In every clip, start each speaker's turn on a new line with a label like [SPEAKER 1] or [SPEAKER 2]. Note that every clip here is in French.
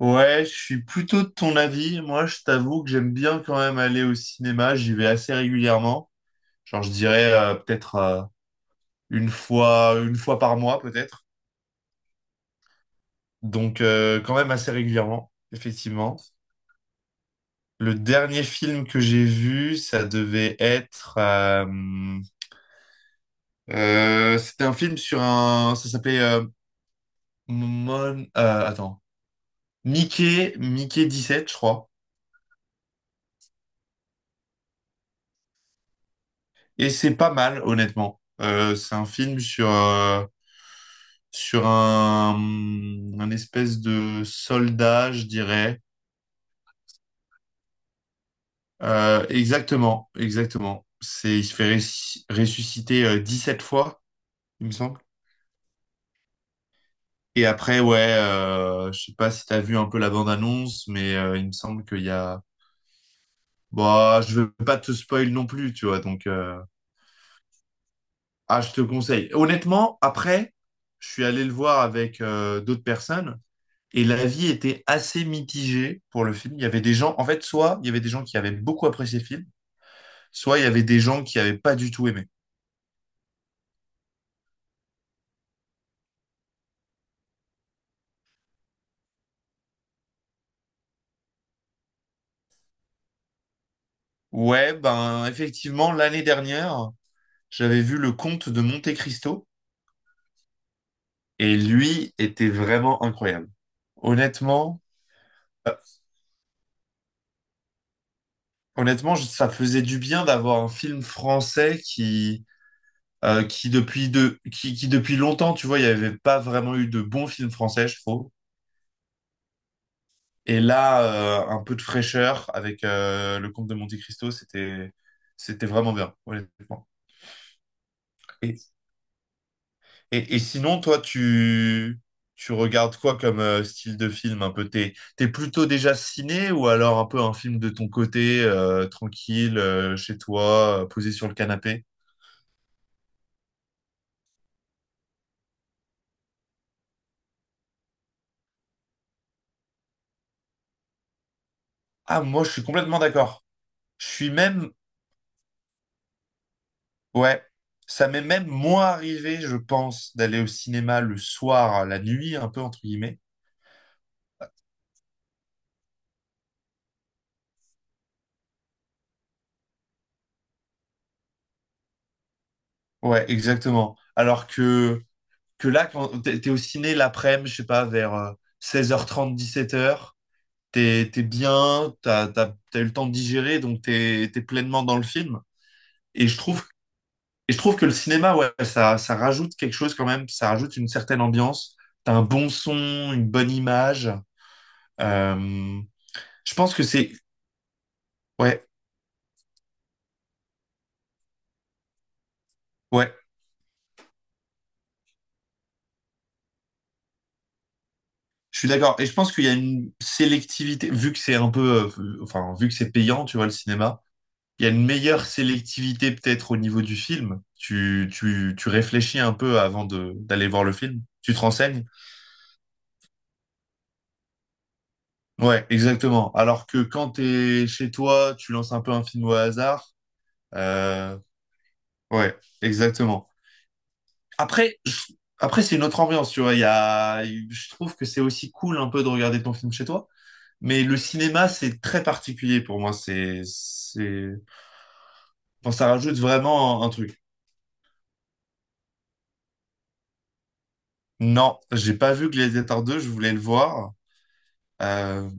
[SPEAKER 1] Ouais, je suis plutôt de ton avis. Moi, je t'avoue que j'aime bien quand même aller au cinéma. J'y vais assez régulièrement. Genre, je dirais peut-être une fois par mois, peut-être. Donc, quand même assez régulièrement, effectivement. Le dernier film que j'ai vu, ça devait être, c'était un film, ça s'appelait Mon, euh, attends, Mickey 17, je crois. Et c'est pas mal, honnêtement. C'est un film sur sur un, un espèce de soldat, je dirais. Exactement, exactement. Il se fait ressusciter sept fois, il me semble. Et après, ouais, je sais pas si t'as vu un peu la bande-annonce, mais il me semble qu'il y a... Bah, je veux pas te spoil non plus, tu vois, donc... Ah, je te conseille. Honnêtement, après, je suis allé le voir avec d'autres personnes. Et l'avis était assez mitigé pour le film. Il y avait des gens, en fait, soit il y avait des gens qui avaient beaucoup apprécié le film, soit il y avait des gens qui avaient pas du tout aimé. Ouais, ben effectivement, l'année dernière, j'avais vu Le Comte de Monte Cristo et lui était vraiment incroyable. Honnêtement, euh, honnêtement, ça faisait du bien d'avoir un film français qui depuis longtemps, tu vois, il n'y avait pas vraiment eu de bons films français, je trouve. Et là, un peu de fraîcheur avec le comte de Monte Cristo, c'était vraiment bien, honnêtement. Et, et sinon, toi, tu regardes quoi comme style de film un peu? T'es plutôt déjà ciné ou alors un peu un film de ton côté, tranquille, chez toi, posé sur le canapé? Ah, moi, je suis complètement d'accord. Je suis même ouais. Ça m'est même moins arrivé, je pense, d'aller au cinéma le soir, la nuit, un peu entre guillemets. Ouais, exactement. Alors que là, quand t'es au ciné l'après-midi, je sais pas, vers 16h30, 17h, t'es bien, t'as eu le temps de digérer, donc t'es pleinement dans le film. Et je trouve, et je trouve que le cinéma, ouais, ça rajoute quelque chose quand même, ça rajoute une certaine ambiance. T'as un bon son, une bonne image. Euh, je pense que c'est, ouais, ouais, je suis d'accord. Et je pense qu'il y a une sélectivité, vu que c'est un peu, enfin, vu que c'est payant, tu vois, le cinéma il y a une meilleure sélectivité peut-être au niveau du film. Tu réfléchis un peu avant de, d'aller voir le film. Tu te renseignes. Ouais, exactement. Alors que quand t'es chez toi, tu lances un peu un film au hasard. Euh, ouais, exactement. Après, après c'est une autre ambiance, tu vois. Il y a, je trouve que c'est aussi cool un peu de regarder ton film chez toi. Mais le cinéma, c'est très particulier pour moi. Bon, ça rajoute vraiment un truc. Non, j'ai pas vu Gladiator 2, je voulais le voir. Euh,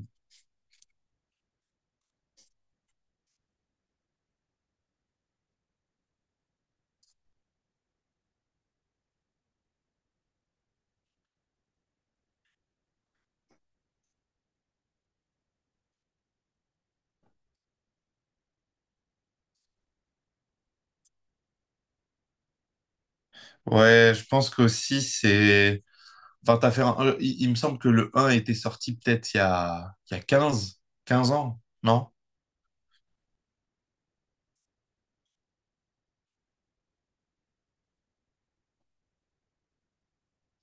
[SPEAKER 1] Ouais, je pense qu'aussi, c'est... Enfin, t'as fait un... il me semble que le 1 était sorti peut-être il y a quinze ans, non?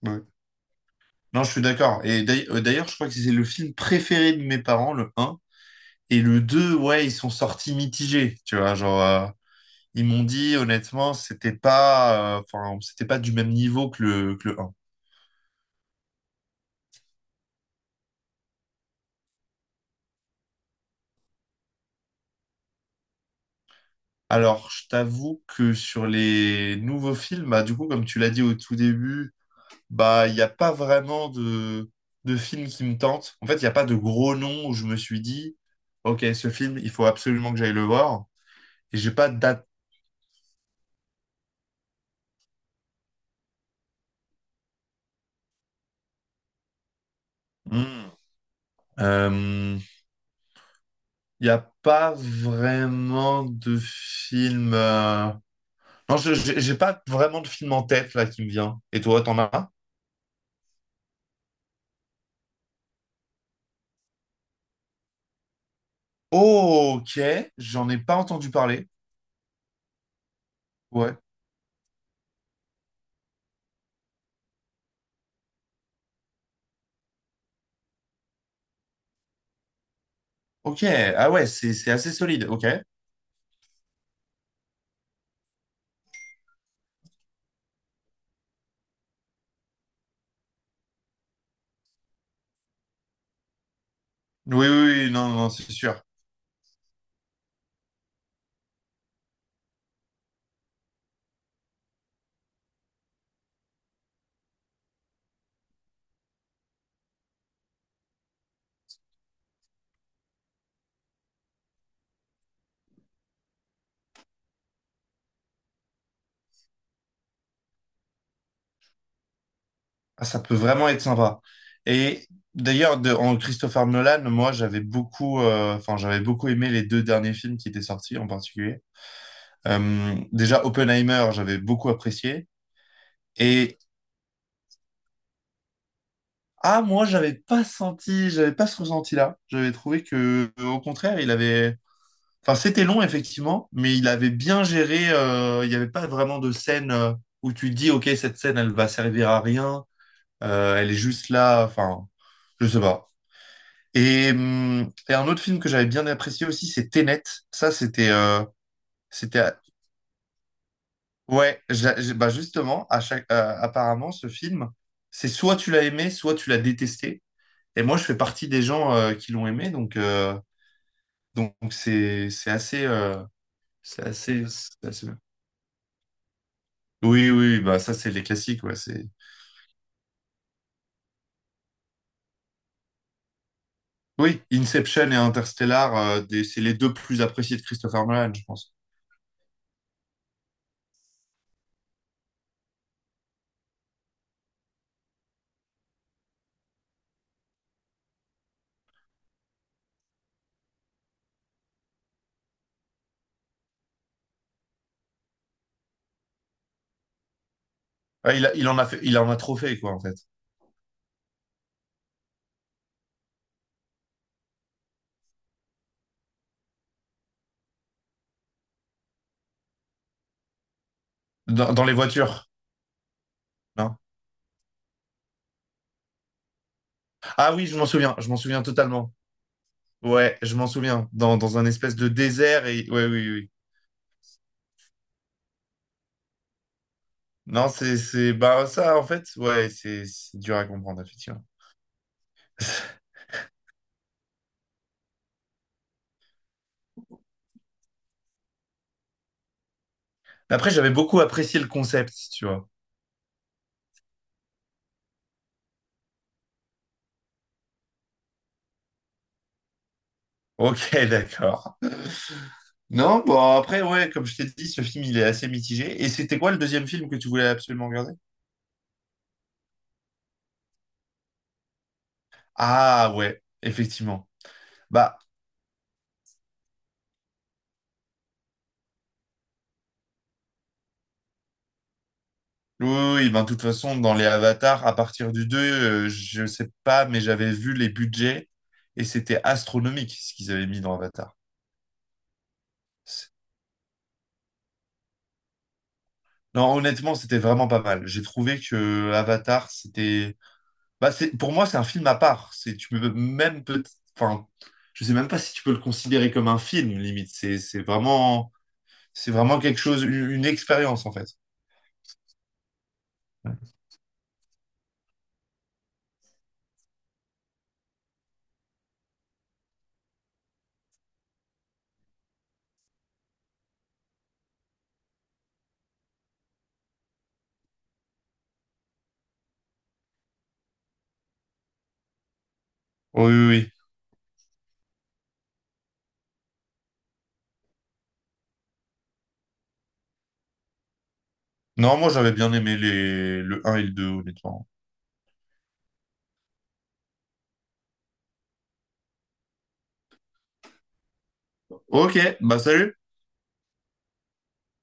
[SPEAKER 1] Ouais. Non, je suis d'accord. Et d'ailleurs, je crois que c'est le film préféré de mes parents, le un. Et le 2, ouais, ils sont sortis mitigés, tu vois. Genre, ils m'ont dit, honnêtement, c'était pas... enfin, c'était pas du même niveau que que le un. Alors, je t'avoue que sur les nouveaux films, bah, du coup, comme tu l'as dit au tout début... Bah, il n'y a pas vraiment de film qui me tente. En fait, il n'y a pas de gros nom où je me suis dit, OK, ce film, il faut absolument que j'aille le voir. Et j'ai pas de date. Hmm. Euh, il n'y a pas vraiment de film. Non, j'ai pas vraiment de film en tête là qui me vient. Et toi, t'en as un? Oh, OK, j'en ai pas entendu parler. Ouais. OK, ah ouais, c'est assez solide. OK. Oui, oui, oui, non, non, non, c'est sûr. Ah, ça peut vraiment être sympa. Et en Christopher Nolan, moi, enfin, j'avais beaucoup aimé les deux derniers films qui étaient sortis en particulier. Déjà, Oppenheimer, j'avais beaucoup apprécié. Et ah, moi, j'avais pas senti, j'avais pas ce ressenti-là. J'avais trouvé que, au contraire, enfin, c'était long effectivement, mais il avait bien géré. Il n'y avait pas vraiment de scène où tu te dis, ok, cette scène, elle va servir à rien. Elle est juste là. Enfin, je sais pas. Et un autre film que j'avais bien apprécié aussi, c'est Tenet. Ça, c'était, à- ouais, bah justement, apparemment, ce film, c'est soit tu l'as aimé, soit tu l'as détesté. Et moi, je fais partie des gens qui l'ont aimé, donc c'est assez, c'est assez, c'est assez- oui, oui, bah ça, c'est les classiques, ouais, c'est. Oui, Inception et Interstellar, c'est les deux plus appréciés de Christopher Nolan, je pense. Ouais, il en a fait, il en a trop fait, quoi, en fait. Dans, dans les voitures. Non? Ah oui, je m'en souviens totalement. Ouais, je m'en souviens. Dans, dans un espèce de désert et ouais, oui, oui. oui. Non, bah ça en fait, ouais, c'est dur à comprendre effectivement. Après, j'avais beaucoup apprécié le concept, tu vois. Ok, d'accord. Non, bon après, ouais, comme je t'ai dit, ce film il est assez mitigé. Et c'était quoi le deuxième film que tu voulais absolument regarder? Ah ouais, effectivement. Bah oui, oui, oui, ben, de toute façon, dans les avatars, à partir du 2, je sais pas, mais j'avais vu les budgets et c'était astronomique ce qu'ils avaient mis dans Avatar. C'est- Non, honnêtement, c'était vraiment pas mal. J'ai trouvé que Avatar, bah, c'est, pour moi, c'est un film à part. C'est, tu peux même peut, enfin, je sais même pas si tu peux le considérer comme un film, limite. C'est vraiment quelque chose, une expérience, en fait. Ouais. Oui, oui, oui. Non, moi, j'avais bien aimé les, le un et le 2 honnêtement. Ok, bah, salut!